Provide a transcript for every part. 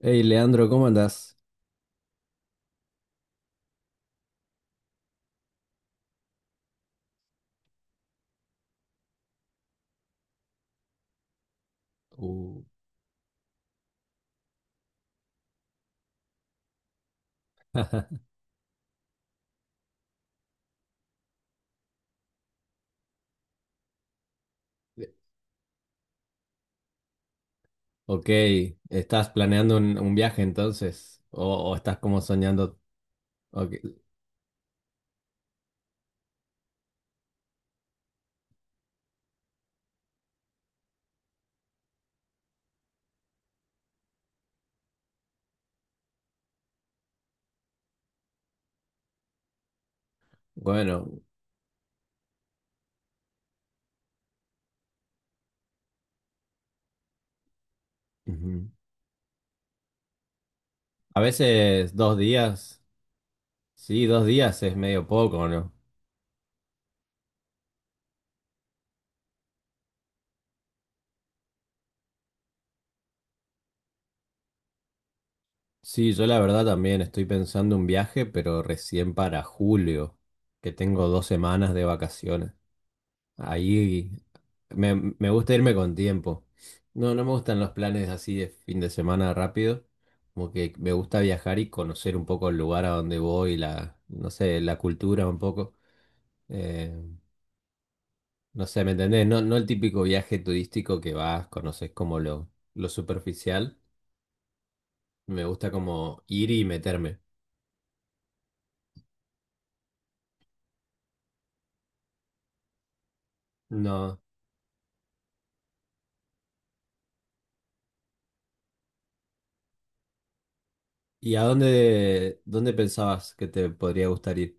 Hey, Leandro, ¿cómo andás? Uh, Ok, ¿estás planeando un viaje entonces? O estás como soñando? Ok, bueno, ujú. A veces dos días, sí, dos días es medio poco, ¿no? Sí, yo la verdad también estoy pensando un viaje, pero recién para julio, que tengo dos semanas de vacaciones. Ahí me gusta irme con tiempo. No, no me gustan los planes así de fin de semana rápido. Como que me gusta viajar y conocer un poco el lugar a donde voy, no sé, la cultura un poco. Eh, no sé, ¿me entendés? No, no el típico viaje turístico que vas, conoces como lo superficial. Me gusta como ir y meterme. No. ¿Y a dónde pensabas que te podría gustar ir?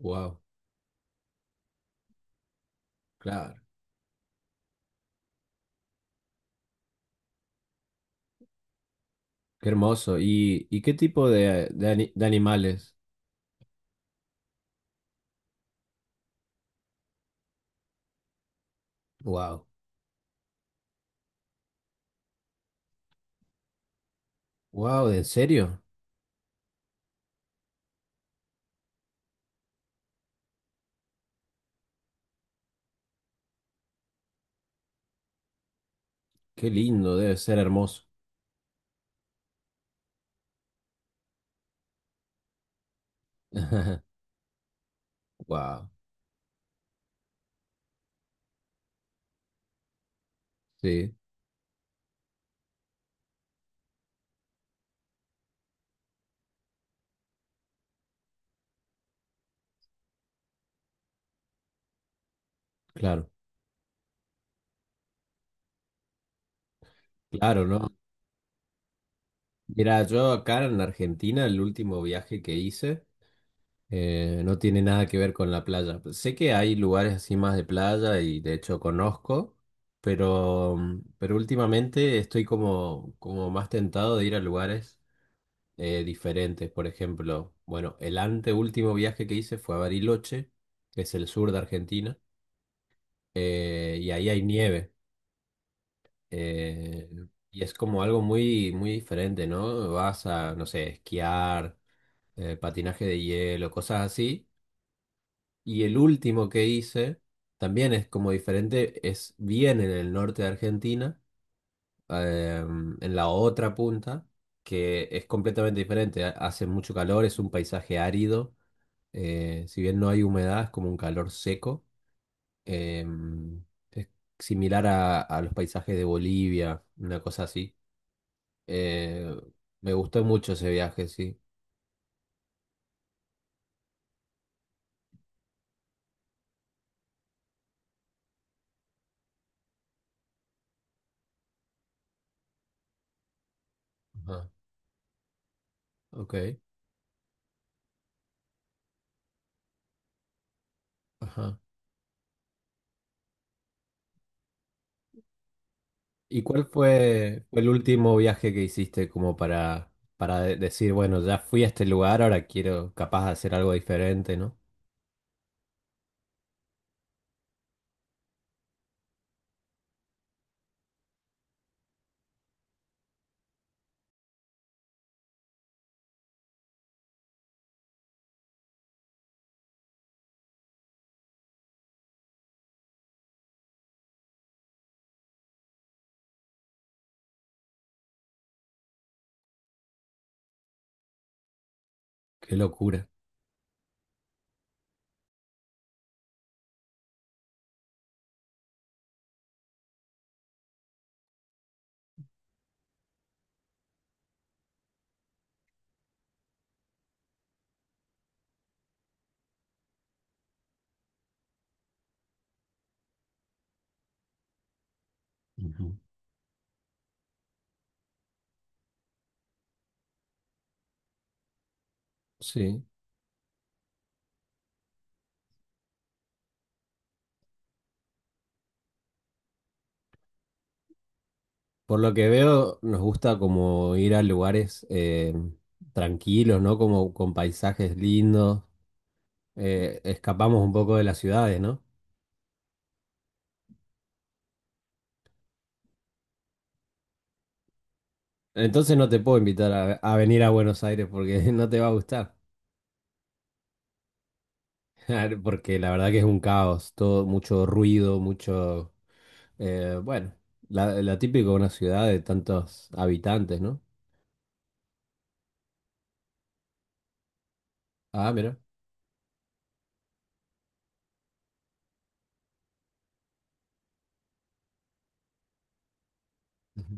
Wow, claro. Qué hermoso. Y qué tipo de de animales? Wow. Wow, ¿en serio? Qué lindo, debe ser hermoso. Wow. Sí, claro. Claro, ¿no? Mira, yo acá en Argentina, el último viaje que hice no tiene nada que ver con la playa. Sé que hay lugares así más de playa y de hecho conozco, pero, pero últimamente estoy como, como más tentado de ir a lugares diferentes. Por ejemplo, bueno, el anteúltimo viaje que hice fue a Bariloche, que es el sur de Argentina, y ahí hay nieve. eh, y es como algo muy, muy diferente, ¿no? Vas a, no sé, esquiar, patinaje de hielo, cosas así. Y el último que hice también es como diferente, es bien en el norte de Argentina, eh, en la otra punta. Que es completamente diferente, hace mucho calor, es un paisaje árido. Si bien no hay humedad, es como un calor seco. Em, es similar a los paisajes de Bolivia, una cosa así. Eh, Me gustó mucho ese viaje, sí. Ajá, ok. Ajá. ¿Y cuál fue el último viaje que hiciste como para decir, bueno, ya fui a este lugar, ahora quiero capaz de hacer algo diferente, ¿no? Qué locura. Ujú. Sí. Por lo que veo, nos gusta como ir a lugares tranquilos, ¿no? Como con paisajes lindos. Escapamos un poco de las ciudades, ¿no? Entonces no te puedo invitar a venir a Buenos Aires porque no te va a gustar. Porque la verdad que es un caos, todo mucho ruido, mucho… bueno, la típico de una ciudad de tantos habitantes, ¿no? Ah, mira. Ujú.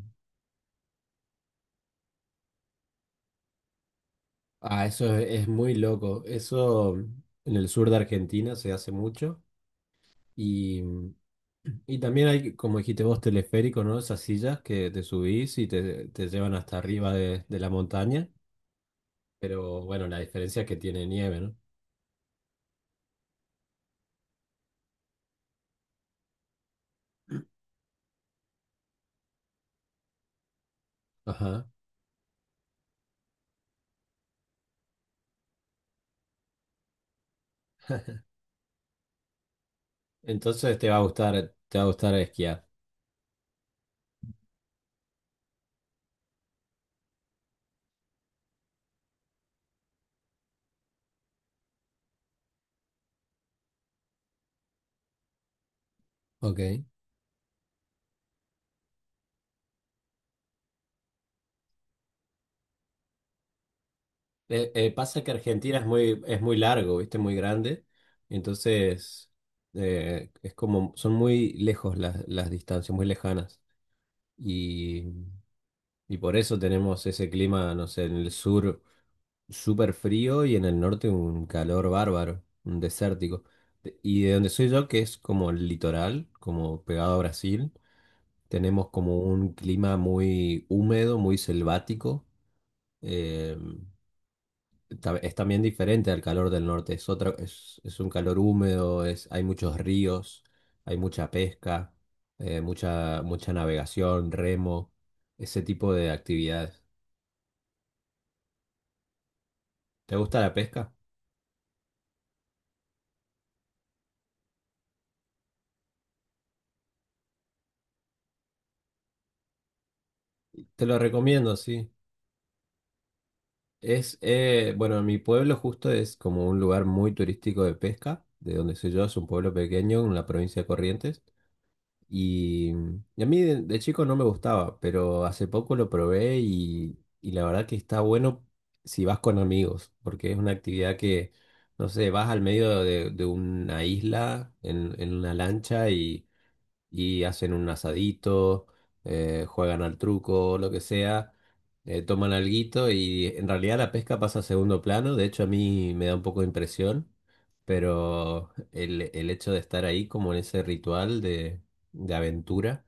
Ah, eso es muy loco. Eso en el sur de Argentina se hace mucho. y Y también hay, como dijiste vos, teleférico, ¿no? Esas sillas que te subís y te llevan hasta arriba de la montaña. Pero bueno, la diferencia es que tiene nieve, ¿no? Ajá. Entonces te va a gustar, te va a gustar esquiar. Ok. Pasa que Argentina es muy largo, ¿viste? Muy grande. Entonces, es como, son muy lejos las distancias, muy lejanas. Y, y por eso tenemos ese clima, no sé, en el sur. Súper frío y en el norte un calor bárbaro, un desértico. Y de donde soy yo, que es como el litoral, como pegado a Brasil, tenemos como un clima muy húmedo, muy selvático. eh, es también diferente al calor del norte, es otra, es un calor húmedo, es, hay muchos ríos, hay mucha pesca, mucha, mucha navegación, remo, ese tipo de actividades. ¿Te gusta la pesca? Te lo recomiendo, sí. Es, bueno, mi pueblo justo es como un lugar muy turístico de pesca, de donde soy yo, es un pueblo pequeño en la provincia de Corrientes. Y, y a mí de chico no me gustaba, pero hace poco lo probé y la verdad que está bueno si vas con amigos, porque es una actividad que, no sé, vas al medio de una isla en una lancha y hacen un asadito, juegan al truco, lo que sea, toman alguito y en realidad la pesca pasa a segundo plano, de hecho a mí me da un poco de impresión, pero el hecho de estar ahí como en ese ritual de aventura,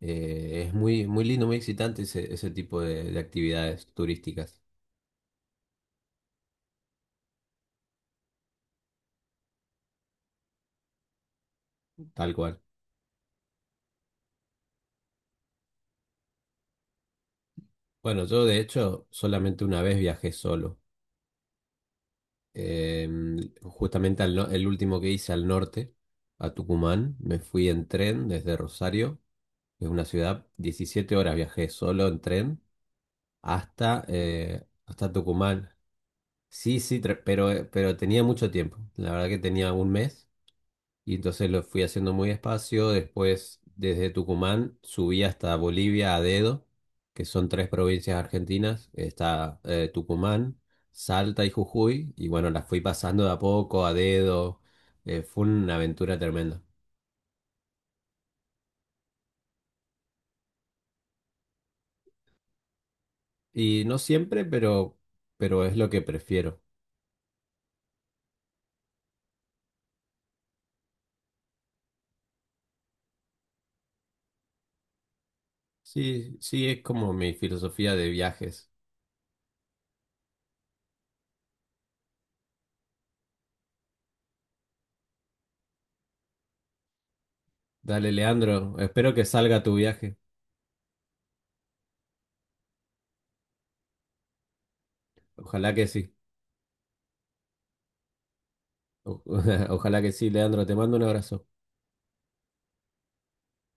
es muy, muy lindo, muy excitante ese tipo de actividades turísticas, tal cual. Bueno, yo de hecho solamente una vez viajé solo. Justamente al el último que hice al norte, a Tucumán, me fui en tren desde Rosario, que es una ciudad, 17 horas viajé solo en tren hasta, hasta Tucumán. Sí, sí, pero tenía mucho tiempo, la verdad que tenía un mes y entonces lo fui haciendo muy despacio. Después, desde Tucumán, subí hasta Bolivia a dedo, que son tres provincias argentinas. Está Tucumán, Salta y Jujuy. Y bueno, las fui pasando de a poco, a dedo. Fue una aventura tremenda. Y no siempre, pero es lo que prefiero. Sí, sí, es como mi filosofía de viajes. Dale, Leandro, espero que salga tu viaje. Ojalá que sí. O- ojalá que sí, Leandro. Te mando un abrazo.